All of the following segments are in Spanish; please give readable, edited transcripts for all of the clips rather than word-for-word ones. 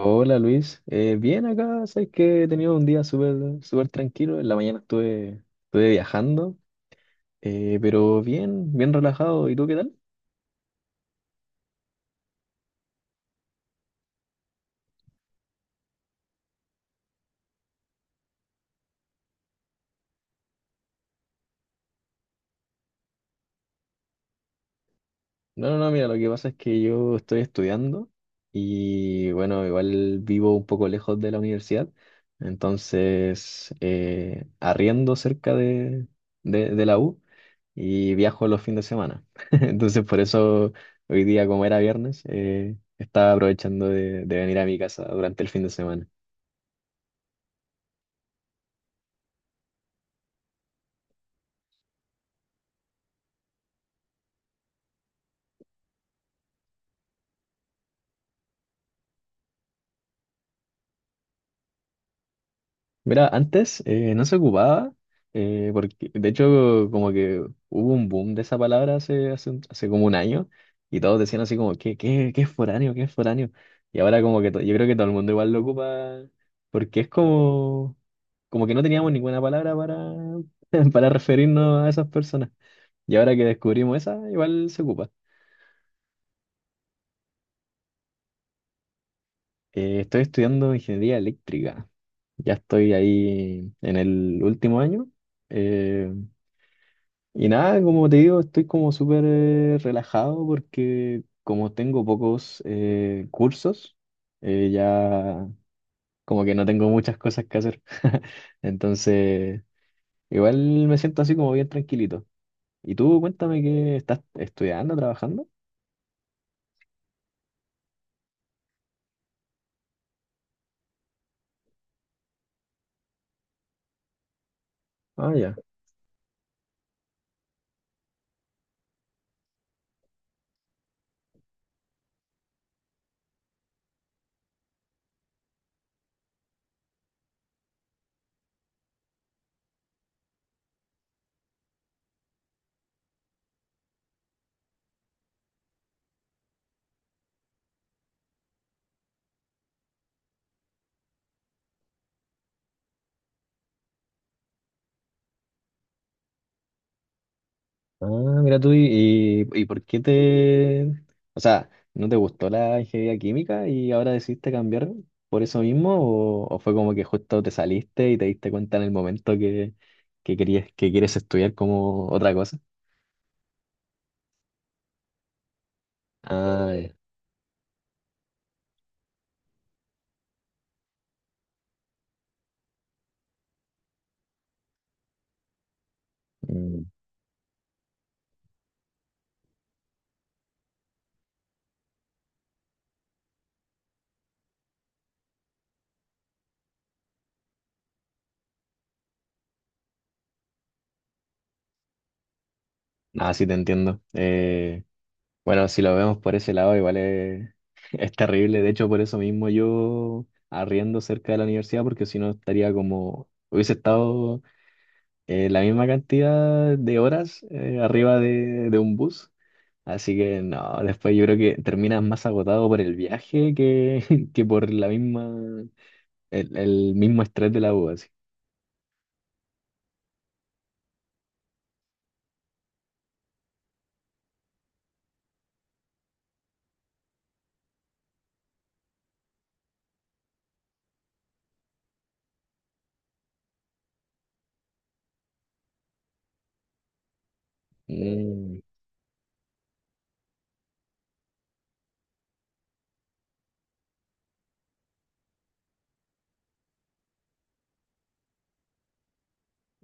Hola Luis, bien acá. Sabes que he tenido un día súper súper tranquilo. En la mañana estuve viajando, pero bien, bien relajado. ¿Y tú qué tal? No, no, no, mira, lo que pasa es que yo estoy estudiando, y bueno, igual vivo un poco lejos de la universidad. Entonces arriendo cerca de la U y viajo los fines de semana. Entonces por eso hoy día como era viernes, estaba aprovechando de venir a mi casa durante el fin de semana. Mira, antes no se ocupaba, porque de hecho como que hubo un boom de esa palabra hace como un año, y todos decían así como, ¿qué es foráneo? ¿Qué es foráneo? Y ahora como que yo creo que todo el mundo igual lo ocupa, porque es como, como que no teníamos ninguna palabra para, para referirnos a esas personas. Y ahora que descubrimos esa, igual se ocupa. Estoy estudiando ingeniería eléctrica. Ya estoy ahí en el último año. eh, Y nada, como te digo, estoy como súper relajado porque como tengo pocos cursos, ya como que no tengo muchas cosas que hacer. Entonces, igual me siento así como bien tranquilito. ¿Y tú cuéntame qué estás estudiando, trabajando? Ah, ya. Ah, mira tú, y por qué te... O sea, ¿no te gustó la ingeniería química y ahora decidiste cambiar por eso mismo? ¿O fue como que justo te saliste y te diste cuenta en el momento que quieres estudiar como otra cosa? Ah, ya. Mm. Ah, sí, te entiendo. Bueno, si lo vemos por ese lado, igual es, es terrible. De hecho, por eso mismo yo arriendo cerca de la universidad, porque si no estaría como... Hubiese estado la misma cantidad de horas arriba de un bus. Así que no, después yo creo que terminas más agotado por el viaje que, que por la misma, el mismo estrés de la U, así. Mm.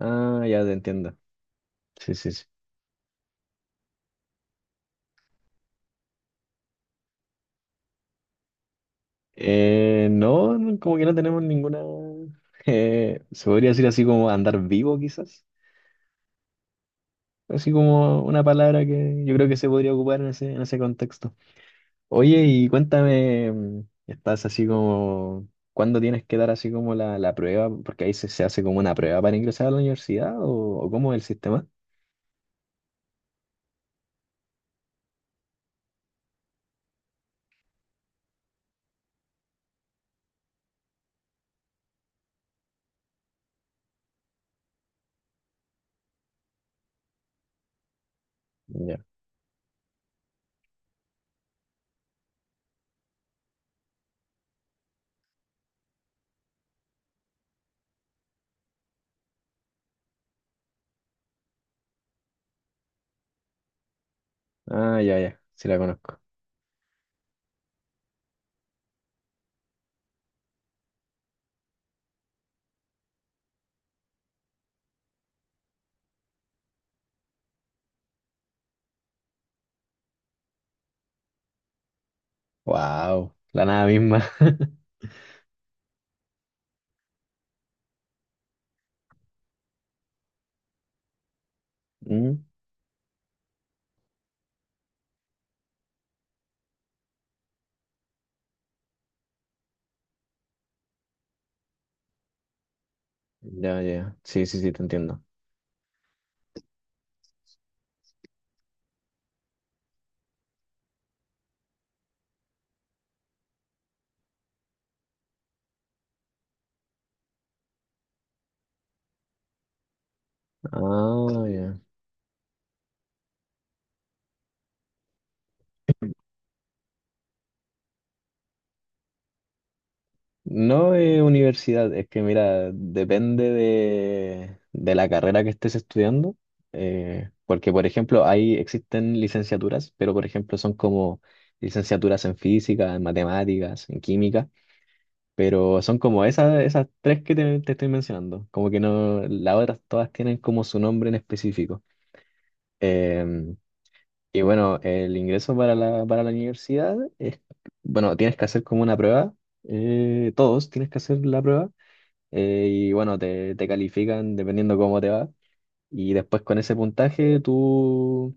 Ah, ya te entiendo. Sí, sí, sí. No, no, como que no tenemos ninguna, se podría decir así como andar vivo quizás. Así como una palabra que yo creo que se podría ocupar en ese, contexto. Oye, y cuéntame, estás así como, ¿cuándo tienes que dar así como la prueba? Porque ahí se hace como una prueba para ingresar a la universidad, o cómo es el sistema. Ya. Ah, ya, ya, sí la conozco. Wow, la nada misma. Mm. Ya, ya, sí, sí, sí, te entiendo. Ah, ya. No es universidad, es que mira, depende de la carrera que estés estudiando, porque por ejemplo ahí existen licenciaturas, pero por ejemplo son como licenciaturas en física, en matemáticas, en química, pero son como esas tres que te estoy mencionando, como que no, las otras todas tienen como su nombre en específico. Em, y bueno, el ingreso para la universidad es, bueno, tienes que hacer como una prueba, todos tienes que hacer la prueba, y bueno, te califican dependiendo cómo te va. Y después con ese puntaje tú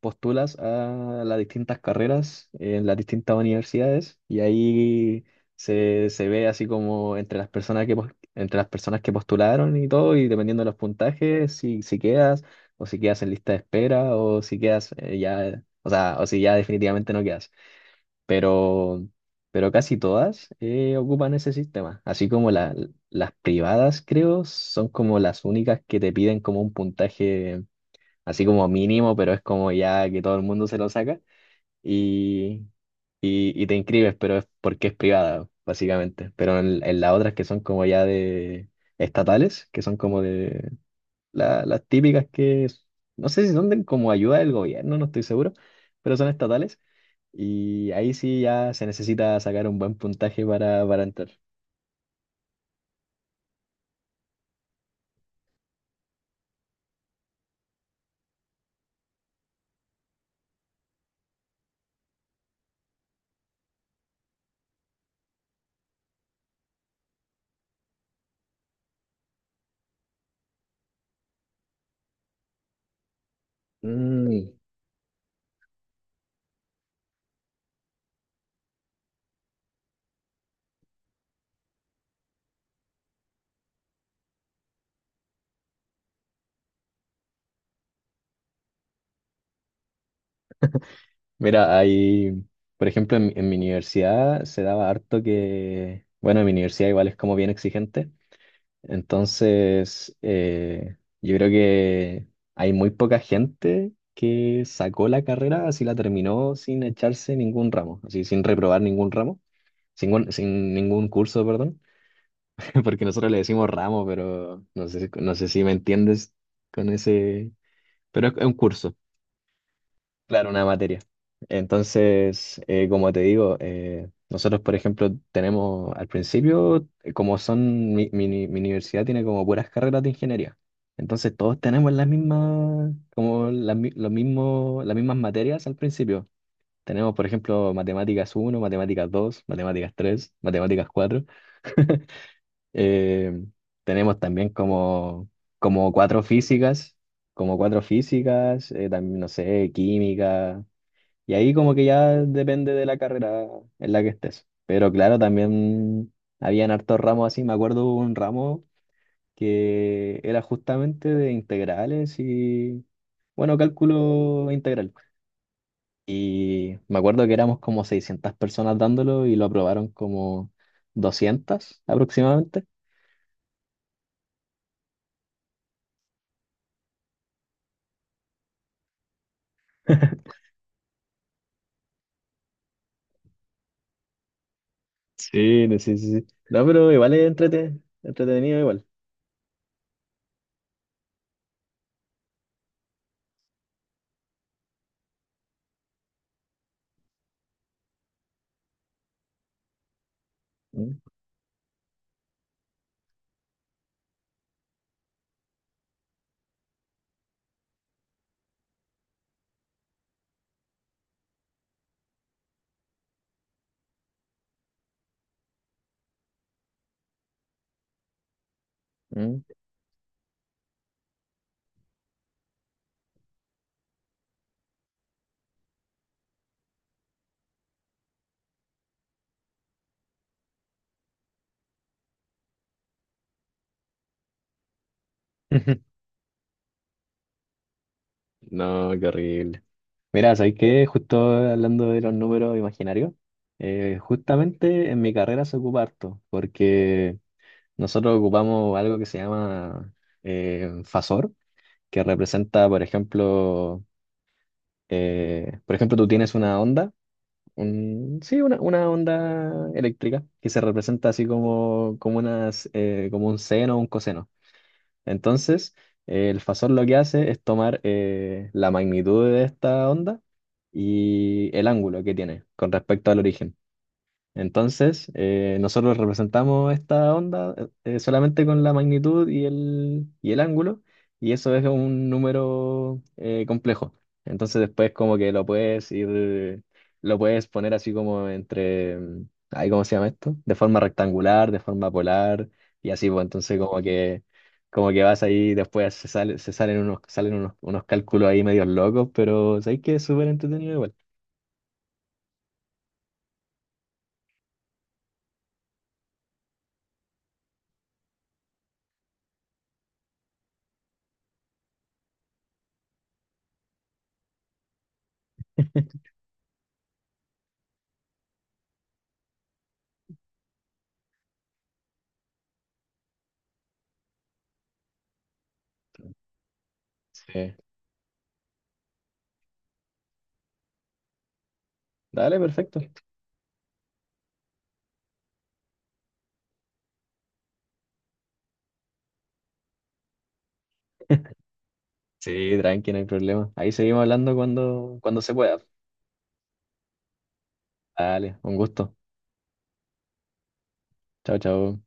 postulas a las distintas carreras en las distintas universidades, y ahí se ve así como entre las personas que, entre las personas que postularon y todo, y dependiendo de los puntajes, si quedas, o si quedas en lista de espera, o si quedas ya, o sea, o si ya definitivamente no quedas, pero, pero, casi todas ocupan ese sistema. Así como las privadas, creo, son como las únicas que te piden como un puntaje así como mínimo, pero es como ya que todo el mundo se lo saca, y, y te inscribes, pero es porque es privada, básicamente. Pero en las otras que son como ya de estatales, que son como de las típicas que, no sé si son de como ayuda del gobierno, no estoy seguro, pero son estatales, y ahí sí ya se necesita sacar un buen puntaje para entrar. Mm. Mira, hay, por ejemplo, en mi universidad se daba harto que, bueno, en mi universidad igual es como bien exigente, entonces yo creo que hay muy poca gente que sacó la carrera, así la terminó sin echarse ningún ramo, así sin reprobar ningún ramo, sin ningún curso, perdón. Porque nosotros le decimos ramo, pero no sé, no sé si me entiendes con ese, pero es un curso, claro, una materia. Entonces, como te digo, nosotros, por ejemplo, tenemos al principio, como son, mi universidad tiene como puras carreras de ingeniería. Entonces, todos tenemos las mismas, como las, mi- los mismos, las mismas materias al principio. Tenemos, por ejemplo, matemáticas uno, matemáticas 2, matemáticas 3, matemáticas 4. Eh, Tenemos también como cuatro físicas, como cuatro físicas, también, no sé, química. Y ahí como que ya depende de la carrera en la que estés. Pero claro, también habían hartos ramos así, me acuerdo hubo un ramo que era justamente de integrales y, bueno, cálculo integral. Y me acuerdo que éramos como 600 personas dándolo y lo aprobaron como 200 aproximadamente. Sí, no, sí, sí, sí. No, pero igual es entretenido igual. Mm, mm. No, qué horrible. Mira, ¿sabes qué? Justo hablando de los números imaginarios, justamente en mi carrera se ocupa harto, porque nosotros ocupamos algo que se llama fasor, que representa, por ejemplo, tú tienes una onda, sí, una onda eléctrica, que se representa así como un seno o un coseno. Entonces, el fasor lo que hace es tomar la magnitud de esta onda y el ángulo que tiene con respecto al origen. Entonces, nosotros representamos esta onda solamente con la magnitud y el ángulo, y eso es un número complejo. Entonces después como que lo puedes ir, lo puedes poner así como entre, ay, ¿cómo se llama esto? De forma rectangular, de forma polar, y así, pues entonces como que vas ahí, después se salen unos cálculos ahí medios locos, pero sabéis que es súper entretenido igual. Sí. Dale, perfecto. Sí, tranqui, no hay problema. Ahí seguimos hablando cuando se pueda. Dale, un gusto. Chao, chao.